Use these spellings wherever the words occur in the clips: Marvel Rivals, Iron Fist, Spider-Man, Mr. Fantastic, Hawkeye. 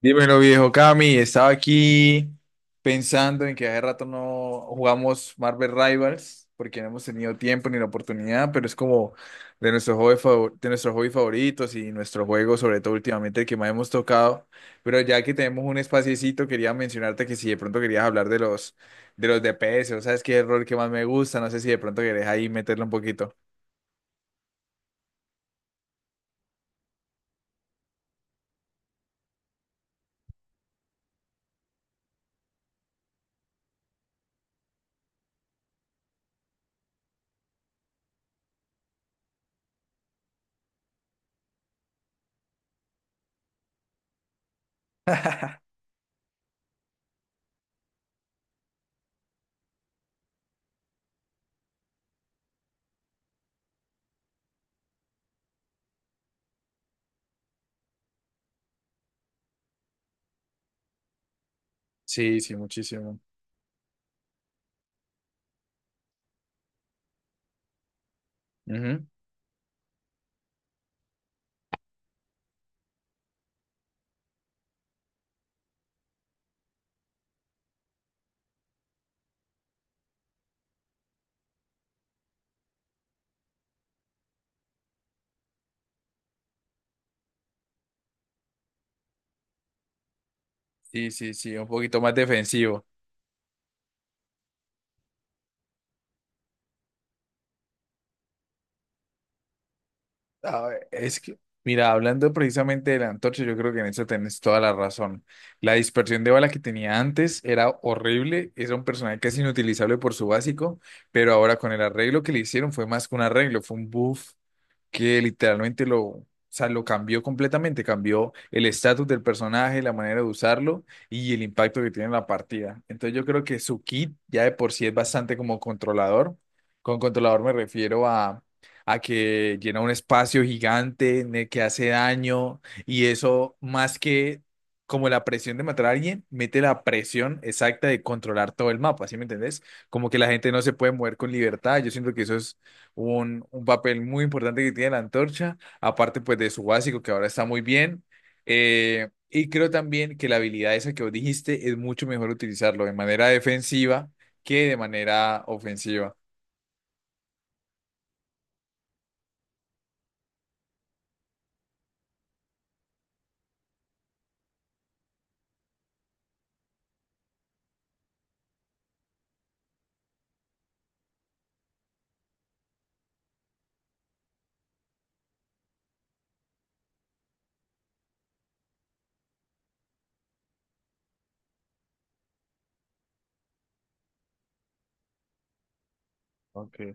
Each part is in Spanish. Dímelo, viejo Cami. Estaba aquí pensando en que hace rato no jugamos Marvel Rivals porque no hemos tenido tiempo ni la oportunidad, pero es como de nuestros de nuestros hobbies favoritos y nuestro juego, sobre todo últimamente, el que más hemos tocado. Pero ya que tenemos un espaciecito, quería mencionarte que si de pronto querías hablar de los DPS, o sabes qué es el rol que más me gusta, no sé si de pronto querés ahí meterle un poquito. Sí, sí, muchísimo. Ujú. Sí, sí, sí, un poquito más defensivo. A ver, es que, mira, hablando precisamente de la antorcha, yo creo que en eso tenés toda la razón. La dispersión de bala que tenía antes era horrible, era un personaje casi inutilizable por su básico, pero ahora con el arreglo que le hicieron fue más que un arreglo, fue un buff que literalmente lo, o sea, lo cambió completamente, cambió el estatus del personaje, la manera de usarlo y el impacto que tiene en la partida. Entonces yo creo que su kit ya de por sí es bastante como controlador. Con controlador me refiero a que llena un espacio gigante en el que hace daño y eso más que... Como la presión de matar a alguien, mete la presión exacta de controlar todo el mapa, ¿sí me entendés? Como que la gente no se puede mover con libertad. Yo siento que eso es un papel muy importante que tiene la antorcha, aparte pues de su básico que ahora está muy bien. Y creo también que la habilidad esa que vos dijiste es mucho mejor utilizarlo de manera defensiva que de manera ofensiva. Okay.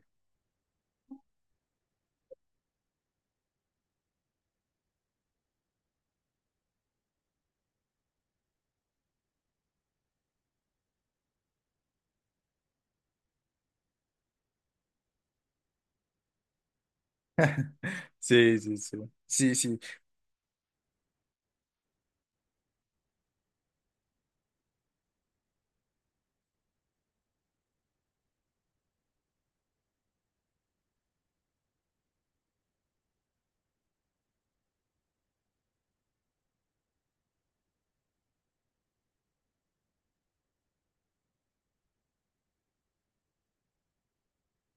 Sí, sí, sí. Sí, sí.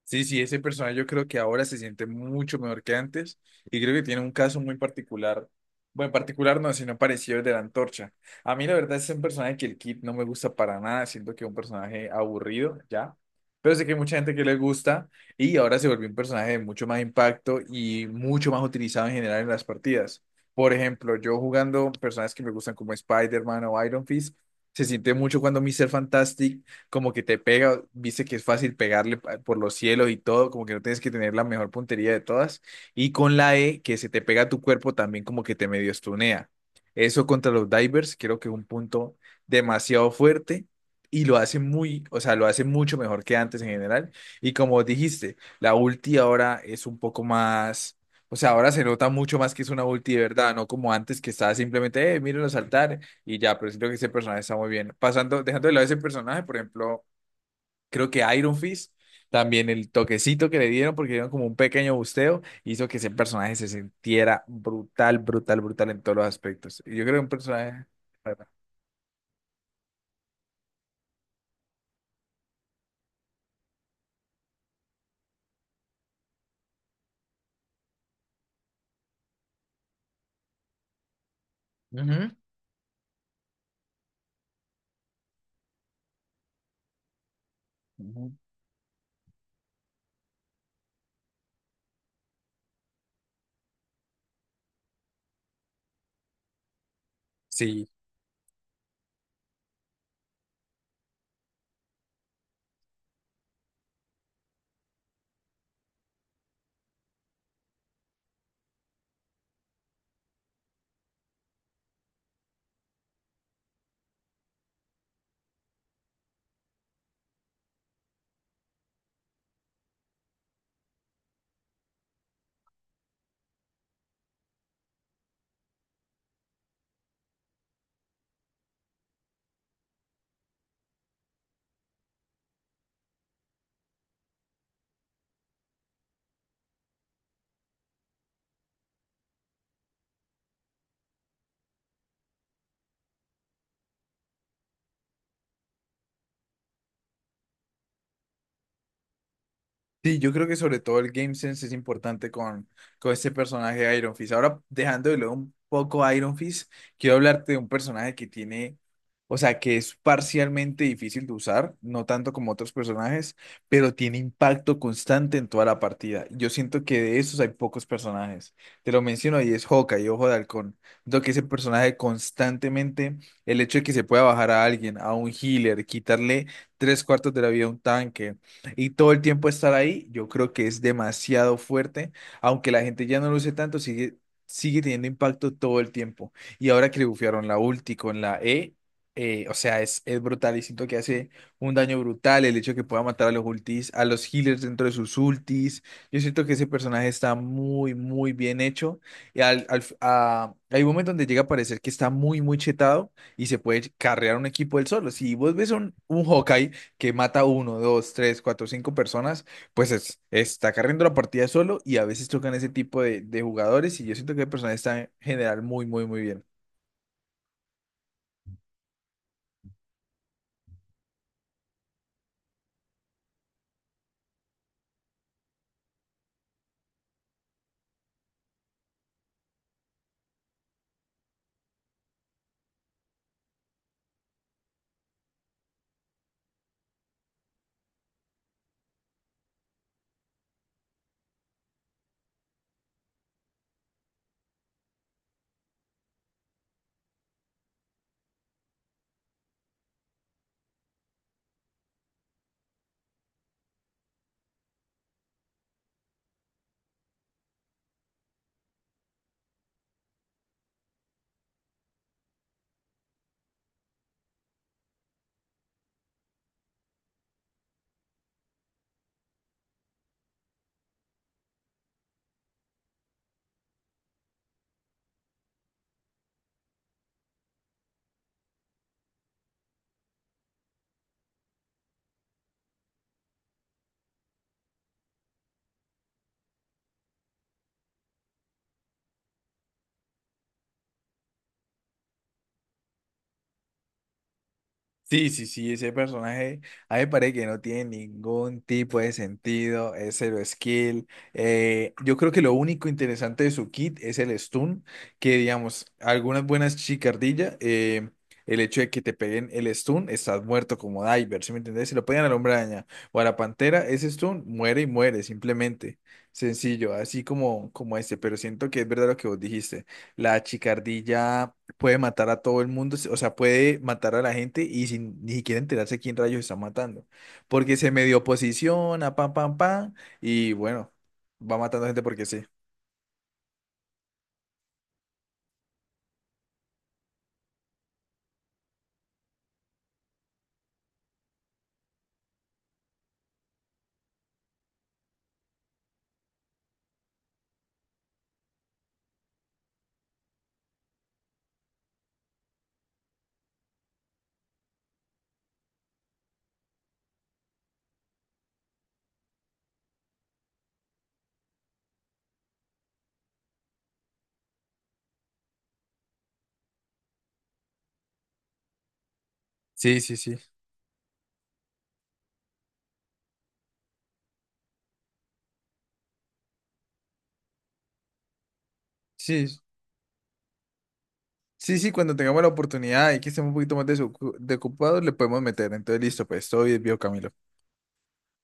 Sí, sí, ese personaje yo creo que ahora se siente mucho mejor que antes y creo que tiene un caso muy particular. Bueno, particular no, sino parecido al de la antorcha. A mí la verdad es un personaje que el Kid no me gusta para nada, siento que es un personaje aburrido, ya. Pero sé que hay mucha gente que le gusta y ahora se volvió un personaje de mucho más impacto y mucho más utilizado en general en las partidas. Por ejemplo, yo jugando personajes que me gustan como Spider-Man o Iron Fist, se siente mucho cuando Mr. Fantastic como que te pega, viste que es fácil por los cielos y todo, como que no tienes que tener la mejor puntería de todas. Y con la E, que se te pega a tu cuerpo también como que te medio estunea. Eso contra los divers creo que es un punto demasiado fuerte y lo hace muy, o sea, lo hace mucho mejor que antes en general. Y como dijiste, la ulti ahora es un poco más... O sea, ahora se nota mucho más que es una ulti de verdad, no como antes que estaba simplemente, mírenlo saltar, y ya, pero siento que ese personaje está muy bien. Pasando, dejando de lado ese personaje, por ejemplo, creo que Iron Fist, también el toquecito que le dieron, porque dieron como un pequeño busteo, hizo que ese personaje se sintiera brutal, brutal, brutal en todos los aspectos. Y yo creo que un personaje... Ujú. Ujú. Sí, sí, yo creo que sobre todo el game sense es importante con este personaje de Iron Fist. Ahora, dejando de lado un poco a Iron Fist, quiero hablarte de un personaje que tiene, o sea, que es parcialmente difícil de usar, no tanto como otros personajes, pero tiene impacto constante en toda la partida. Yo siento que de esos hay pocos personajes. Te lo menciono y es Hawkeye, Ojo de Halcón. Lo que ese personaje constantemente, el hecho de que se pueda bajar a alguien, a un healer, quitarle tres cuartos de la vida a un tanque y todo el tiempo estar ahí, yo creo que es demasiado fuerte, aunque la gente ya no lo use tanto, sigue, sigue teniendo impacto todo el tiempo. Y ahora que le bufiaron la ulti con la E, o sea, es brutal y siento que hace un daño brutal el hecho de que pueda matar a los ultis, a los healers dentro de sus ultis. Yo siento que ese personaje está muy, muy bien hecho. Y hay un momento donde llega a parecer que está muy, muy chetado y se puede carrear un equipo él solo. Si vos ves un Hawkeye que mata uno, dos, tres, cuatro, cinco personas, pues está carriendo la partida solo y a veces tocan ese tipo de jugadores y yo siento que el personaje está en general muy, muy, muy bien. Sí, sí, sí, ese personaje, a mí me parece que no tiene ningún tipo de sentido, es cero skill. Yo creo que lo único interesante de su kit es el stun, que digamos, algunas buenas chicardillas, el hecho de que te peguen el stun, estás muerto como diver, ¿sí me entendés? Si lo pegan al hombre araña o a la pantera, ese stun muere y muere, simplemente. Sencillo, así como, como este, pero siento que es verdad lo que vos dijiste. La chicardilla puede matar a todo el mundo, o sea, puede matar a la gente y sin ni siquiera enterarse quién rayos está matando. Porque se medio posiciona, pam, pam, pam, y bueno, va matando gente porque sí. Sí, sí, sí. Sí, sí, sí, cuando tengamos la oportunidad y que estemos un poquito más desocupados, le podemos meter. Entonces, listo, pues, todo bien, vio Camilo.